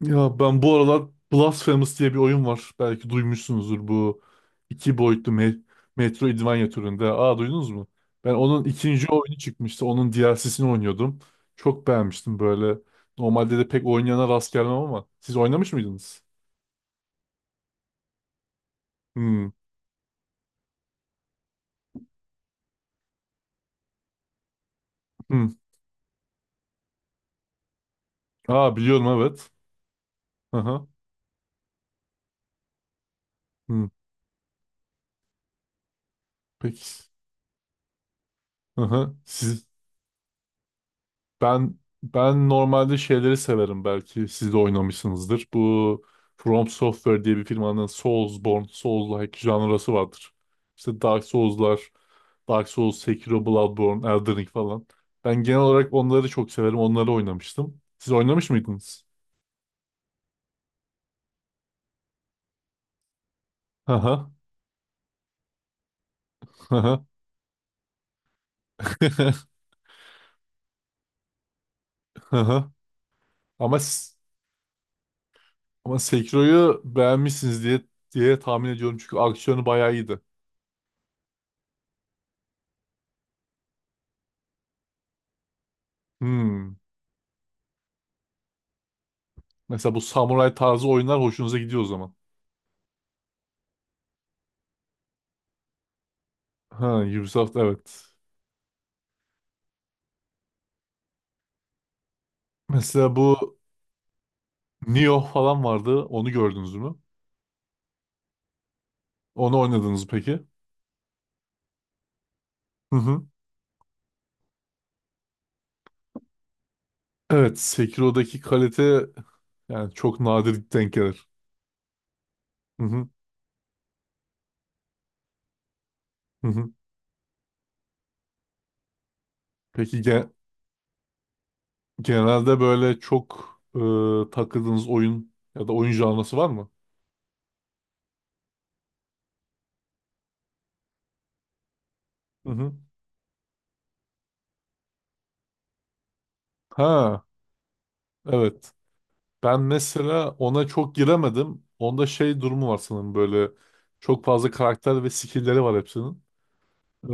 Ya ben bu aralar Blasphemous diye bir oyun var. Belki duymuşsunuzdur bu iki boyutlu Metroidvania türünde. Aa duydunuz mu? Ben onun ikinci oyunu çıkmıştı. Onun DLC'sini oynuyordum. Çok beğenmiştim böyle. Normalde de pek oynayana rast gelmem ama. Siz oynamış mıydınız? Hmm. Hmm. Aa biliyorum evet. Aha. Hmm. Peki. Aha. Ben normalde şeyleri severim belki siz de oynamışsınızdır. Bu From Software diye bir firmanın Soulsborne, Souls-like janrası vardır. İşte Dark Souls'lar, Dark Souls, Sekiro, Bloodborne, Elden Ring falan. Ben genel olarak onları çok severim. Onları oynamıştım. Siz oynamış mıydınız? Haha. Haha. Haha. Ama s- ama Sekiro'yu beğenmişsiniz diye tahmin ediyorum çünkü aksiyonu bayağı iyiydi. Hmm. Mesela bu samuray tarzı oyunlar hoşunuza gidiyor o zaman. Ha, Ubisoft evet. Mesela bu Nioh falan vardı. Onu gördünüz mü? Onu oynadınız mı peki? Hı hı. Evet, Sekiro'daki kalite yani çok nadir denk gelir. Hı hı. Hı hı. Peki genelde böyle çok takıldığınız oyun ya da oyun janrası var mı? Hı hı. Ha, evet. Ben mesela ona çok giremedim. Onda şey durumu var sanırım böyle çok fazla karakter ve skill'leri var hepsinin. Ee,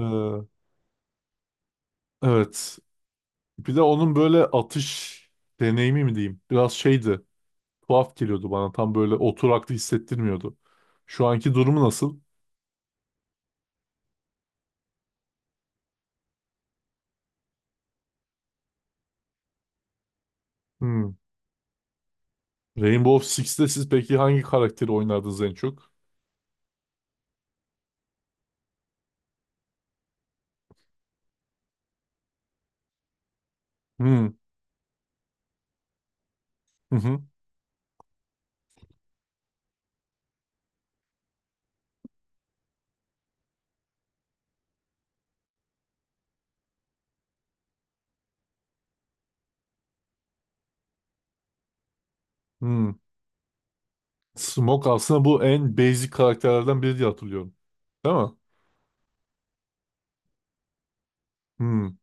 evet. Bir de onun böyle atış deneyimi mi diyeyim? Biraz şeydi. Tuhaf geliyordu bana. Tam böyle oturaklı hissettirmiyordu. Şu anki durumu nasıl? Hmm. Rainbow Six'te siz peki hangi karakteri oynardınız en çok? Hmm. Hı hı. Hmm. Smoke aslında bu en basic karakterlerden biri diye hatırlıyorum. Değil mi? Hmm.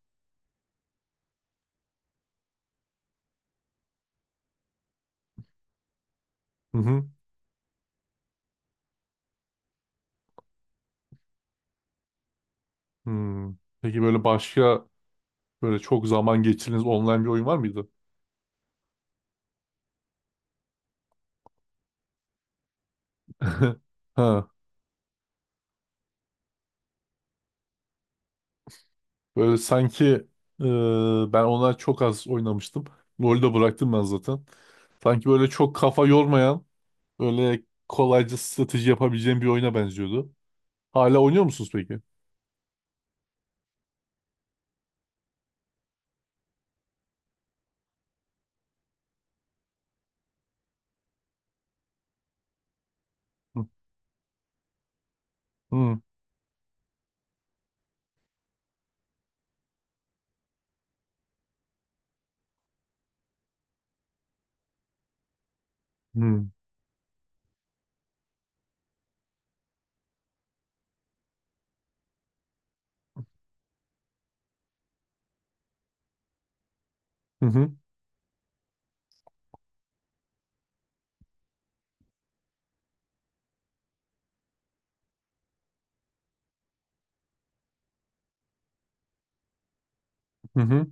Hı hı. Hmm. Peki böyle başka böyle çok zaman geçirdiğiniz online bir oyun var mıydı? Ha. Böyle sanki ben ona çok az oynamıştım. LoL'ü de bıraktım ben zaten. Sanki böyle çok kafa yormayan, böyle kolayca strateji yapabileceğim bir oyuna benziyordu. Hala oynuyor musunuz peki? Hı hı hı hı hı. Hı.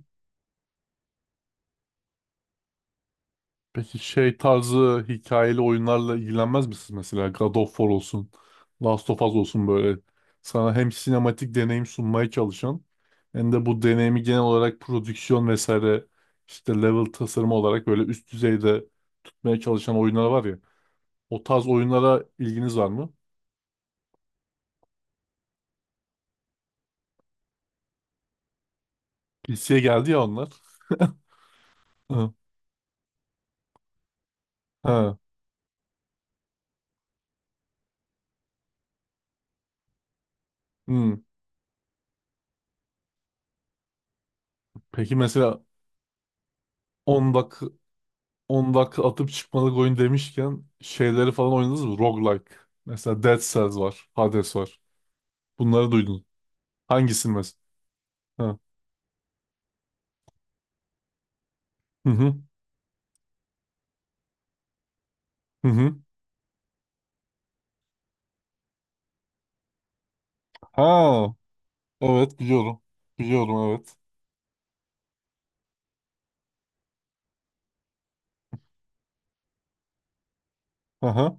Peki şey tarzı hikayeli oyunlarla ilgilenmez misiniz mesela? God of War olsun, Last of Us olsun böyle. Sana hem sinematik deneyim sunmaya çalışan hem de bu deneyimi genel olarak prodüksiyon vesaire işte level tasarımı olarak böyle üst düzeyde tutmaya çalışan oyunlar var ya. O tarz oyunlara ilginiz var mı? PC'ye geldi ya onlar. Hı. Ha. Hı. Peki mesela 10 dak 10 dakika atıp çıkmalık oyun demişken şeyleri falan oynadınız mı? Roguelike. Mesela Dead Cells var. Hades var. Bunları duydun. Hangisini mesela? Ha. Hı hı. Hı hı. Ha. Evet biliyorum. Biliyorum evet. Aha.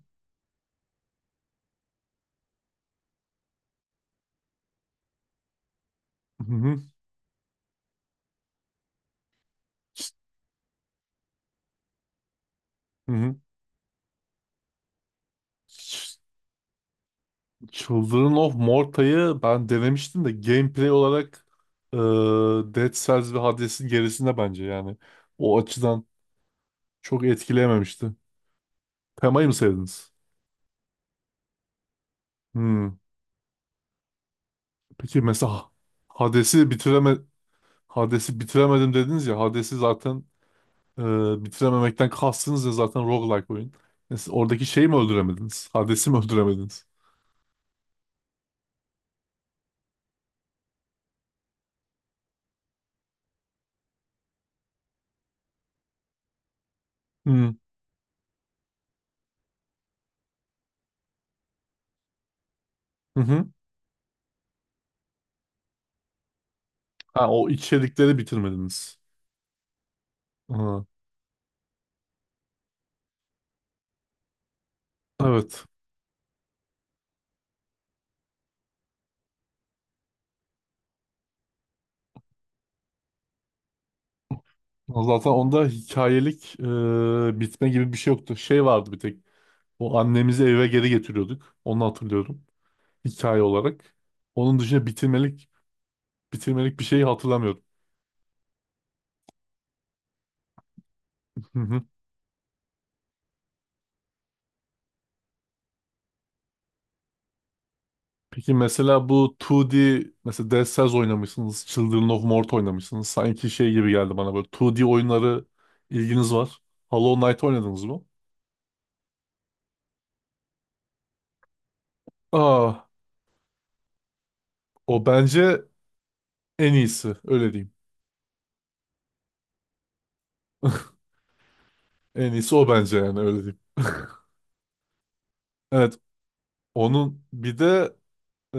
Hı hı. Hı hı. Ç- Children of Morta'yı ben denemiştim de gameplay olarak e, Dead Cells ve Hades'in gerisinde bence yani. O açıdan çok etkileyememişti. Temayı mı sevdiniz? Hmm. Peki mesela Hades'i bitireme Hades'i bitiremedim dediniz ya. Hades'i zaten e, bitirememekten kastınız ya zaten roguelike oyun. Yani siz oradaki şeyi mi öldüremediniz? Hades'i mi öldüremediniz? Hı hı. Hı. Ha, o içerikleri bitirmediniz. Aha, evet. Zaten onda hikayelik bitme gibi bir şey yoktu. Şey vardı bir tek. O annemizi eve geri getiriyorduk. Onu hatırlıyorum. Hikaye olarak. Onun dışında bitirmelik bir şey hatırlamıyorum. Peki mesela bu 2D mesela Dead Cells oynamışsınız, Children of Mort oynamışsınız. Sanki şey gibi geldi bana böyle 2D oyunları ilginiz var. Hollow Knight oynadınız mı? Aa, o bence en iyisi öyle diyeyim. En iyisi o bence yani öyle diyeyim. Evet, onun bir de e,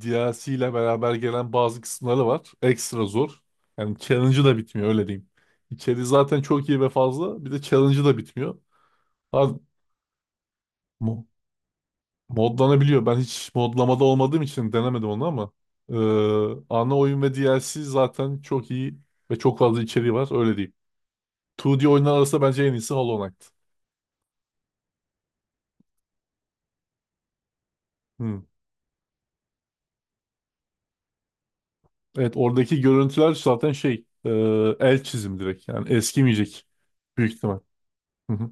DLC ile beraber gelen bazı kısımları var. Ekstra zor. Yani challenge'ı da bitmiyor öyle diyeyim. İçeri zaten çok iyi ve fazla. Bir de challenge'ı da bitmiyor. Abi, modlanabiliyor. Ben hiç modlamada olmadığım için denemedim onu ama eee, ana oyun ve DLC zaten çok iyi ve çok fazla içeriği var. Öyle diyeyim. 2D oyunlar arasında bence en iyisi Hollow Knight. Hmm. Evet oradaki görüntüler zaten şey el çizim direkt. Yani eskimeyecek büyük ihtimal. Hı hı.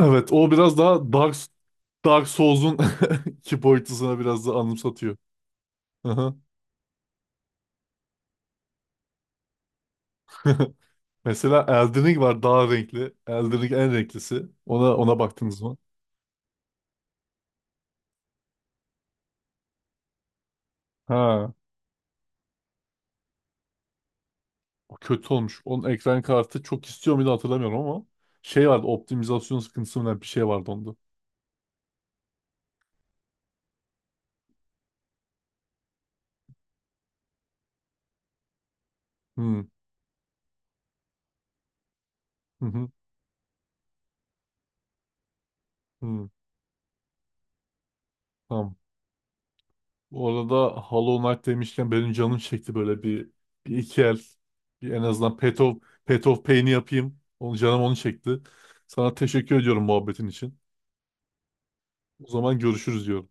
Evet o biraz daha Dark Souls'un iki boyutusuna biraz da anımsatıyor. Hı hı. Mesela Elden Ring var daha renkli. Elden Ring en renklisi. Ona baktınız mı? Ha. O kötü olmuş. Onun ekran kartı çok istiyor muydu hatırlamıyorum ama şey vardı optimizasyon sıkıntısı mı ne bir şey vardı onda. Hmm. Hı hı. Hı. Tamam. Bu arada Hollow Knight demişken benim canım çekti böyle bir iki el. Bir en azından Path of Pain'i yapayım. Canım onu çekti. Sana teşekkür ediyorum muhabbetin için. O zaman görüşürüz diyorum.